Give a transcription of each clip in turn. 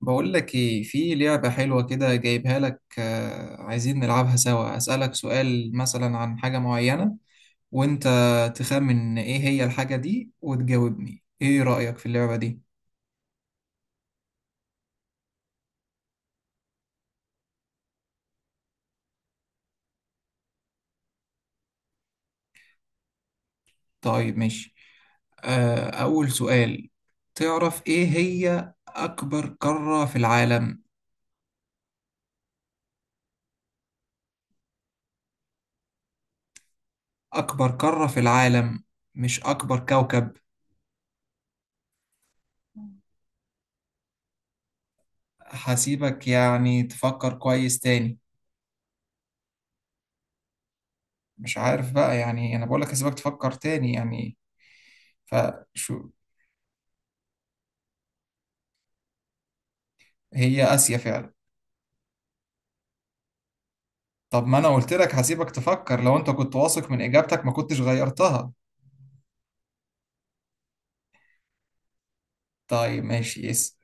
بقول لك ايه في لعبة حلوة كده جايبها لك، عايزين نلعبها سوا. أسألك سؤال مثلا عن حاجة معينة وانت تخمن ايه هي الحاجة دي، وتجاوبني ايه رأيك في اللعبة دي. طيب ماشي. أول سؤال، تعرف ايه هي أكبر قارة في العالم؟ أكبر قارة في العالم، مش أكبر كوكب. هسيبك يعني تفكر كويس تاني. مش عارف بقى، يعني انا بقولك هسيبك تفكر تاني يعني. فشو. هي آسيا فعلا. طب ما انا قلت لك هسيبك تفكر، لو انت كنت واثق من اجابتك ما كنتش غيرتها. طيب ماشي.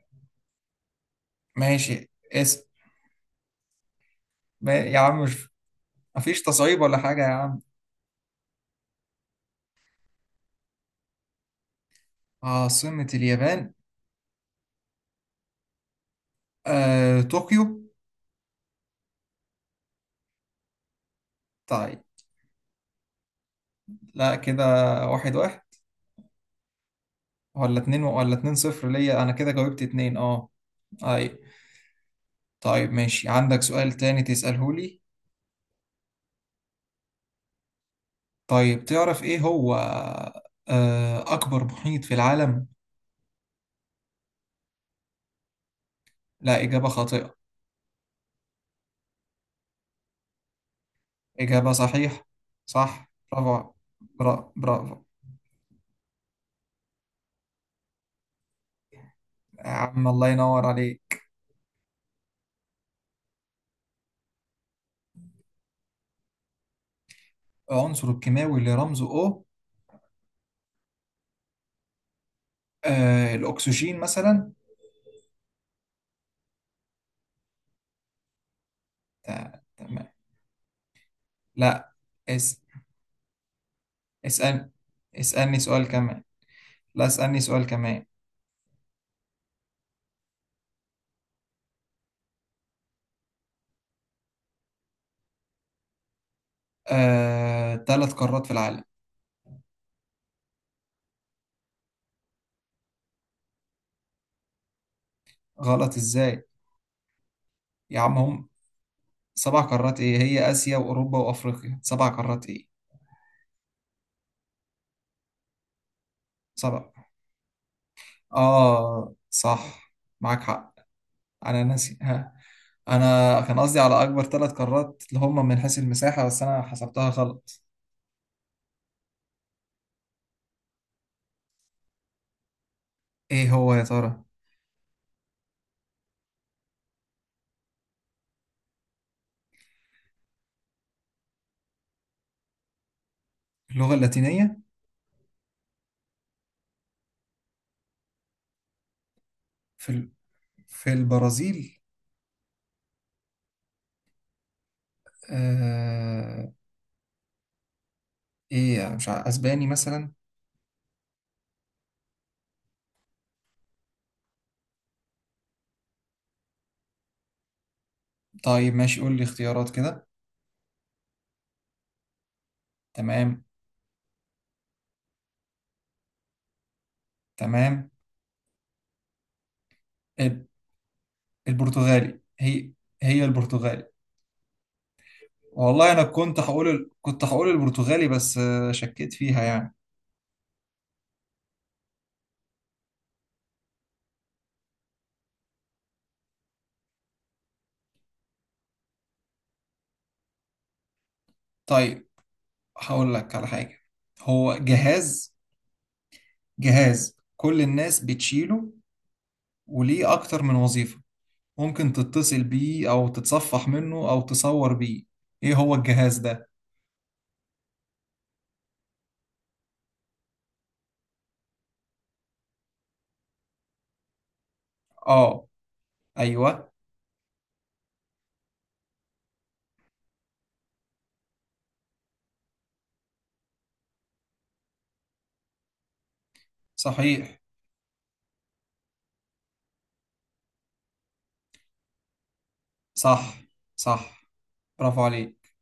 ماشي. ما يا عم، مش مفيش تصعيب ولا حاجة يا عم. عاصمة اليابان. طوكيو. طيب، لا كده، واحد واحد ولا اتنين صفر ليا، انا كده جاوبت اتنين اه. اي، طيب ماشي، عندك سؤال تاني تسأله لي. طيب تعرف ايه هو اكبر محيط في العالم. لا، إجابة خاطئة. إجابة صحيحة، صح، برافو. برافو. يا عم الله ينور عليك. العنصر الكيماوي اللي رمزه O. الأكسجين مثلا. تمام. لا. اس اسأل. اسألني سؤال كمان. لا، اسألني سؤال كمان. ثلاث قارات في العالم. غلط إزاي. يا عم هم سبع قارات. إيه هي؟ آسيا وأوروبا وأفريقيا، سبع قارات إيه. سبع. آه، صح، معاك حق. أنا ناسي، ها. انا كان قصدي على اكبر ثلاث قارات اللي هم من حيث المساحة، بس انا حسبتها غلط. ايه هو يا ترى؟ اللغة اللاتينية. في ال... في البرازيل. آه... ايه يعني، مش عارف، اسباني مثلا. طيب ماشي، قول لي اختيارات كده. تمام. تمام. ال- البرتغالي، هي البرتغالي. والله انا كنت هقول كنت هقول البرتغالي، بس شكيت فيها يعني. طيب، هقول لك على حاجة. هو جهاز، جهاز كل الناس بتشيله، وليه أكتر من وظيفة. ممكن تتصل بيه أو تتصفح منه أو تصور بيه. إيه هو الجهاز ده؟ آه، أيوه، صحيح. صح، صح، برافو عليك.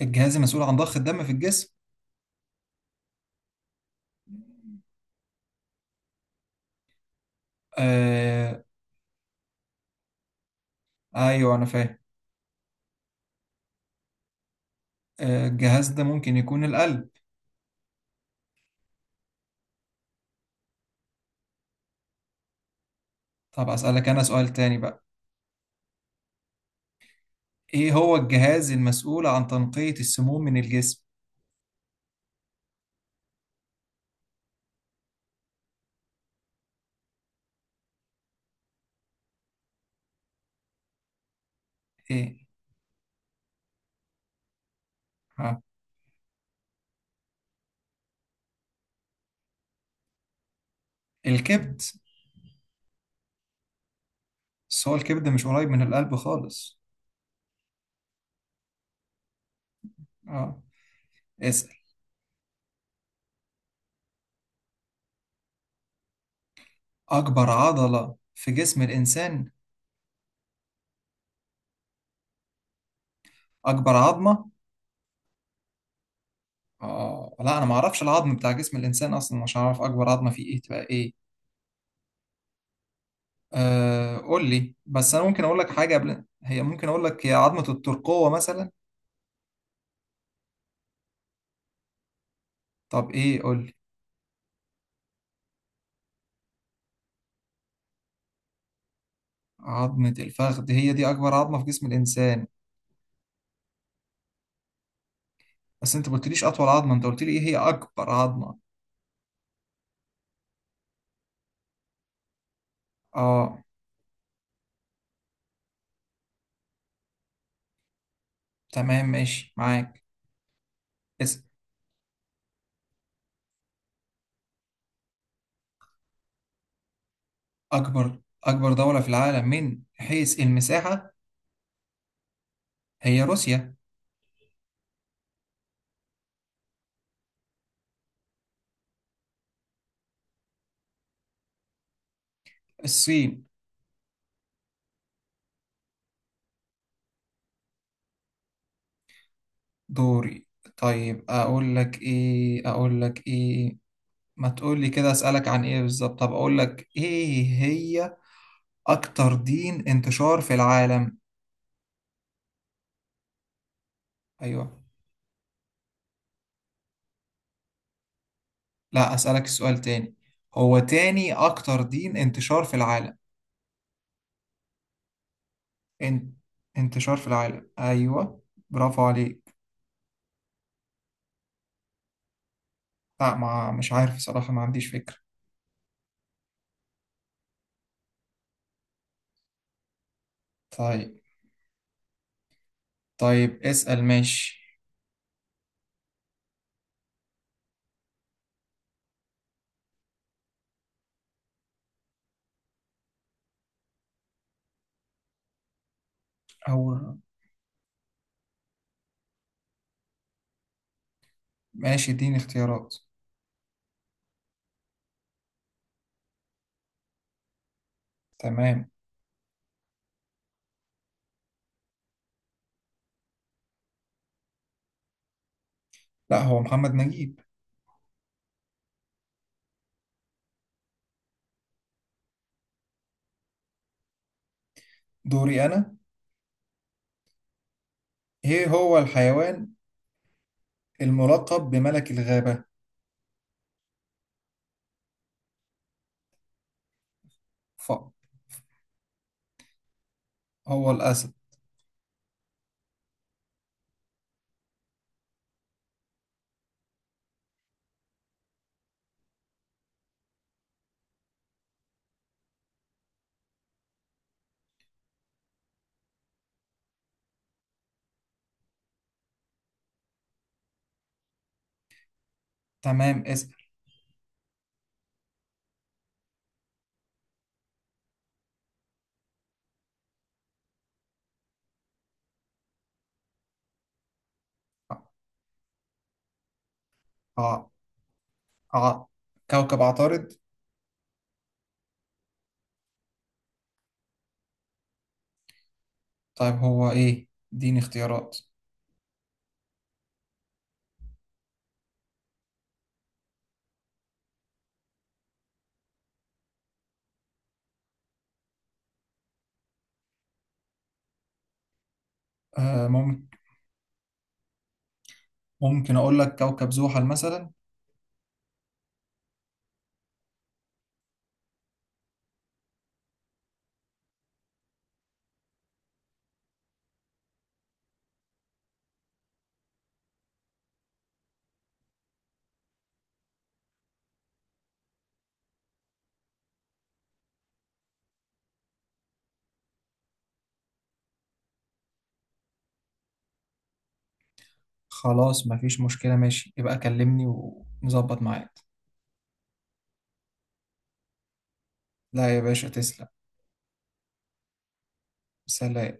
الجهاز المسؤول عن ضخ الدم في الجسم. آه، أيوه، أنا فاهم. الجهاز ده ممكن يكون القلب. طب أسألك أنا سؤال تاني بقى. إيه هو الجهاز المسؤول عن تنقية السموم من الجسم؟ إيه؟ ها. الكبد. بس هو الكبد مش قريب من القلب خالص. آه، اسأل. أكبر عضلة في جسم الإنسان. أكبر عظمة. آه، لا، أنا ما أعرفش العظم بتاع جسم الإنسان أصلا، مش هعرف أكبر عظمة فيه إيه تبقى إيه. آه، قول لي. بس أنا ممكن أقول لك حاجة قبل، هي ممكن أقول لك، هي عظمة الترقوة مثلا. طب إيه، قول لي. عظمة الفخذ هي دي أكبر عظمة في جسم الإنسان؟ بس أنت ما قلتليش أطول عظمة، أنت قلت لي إيه هي أكبر عظمة. آه، تمام ماشي معاك. اسم. أكبر دولة في العالم من حيث المساحة. هي روسيا. الصين. دوري. طيب اقول لك ايه ما تقول لي كده اسالك عن ايه بالظبط. طب اقول لك ايه هي اكتر دين انتشار في العالم. ايوه. لا، اسالك السؤال تاني، هو تاني اكتر دين انتشار في العالم. ان... انتشار في العالم، ايوه، برافو عليك. لا، ما مش عارف صراحة، ما عنديش فكرة. طيب. طيب، اسال ماشي. هو. ماشي، اديني اختيارات. تمام. لا، هو محمد نجيب. دوري انا. ايه هو الحيوان الملقب بملك الغابة. ف هو الأسد. تمام، اسأل. ع ع كوكب عطارد. طيب، هو ايه؟ اديني اختيارات. آه، ممكن. ممكن اقول لك كوكب زحل مثلا. خلاص، مفيش مشكلة، ماشي، يبقى كلمني ونظبط معاك. لا يا باشا، تسلم. سلام.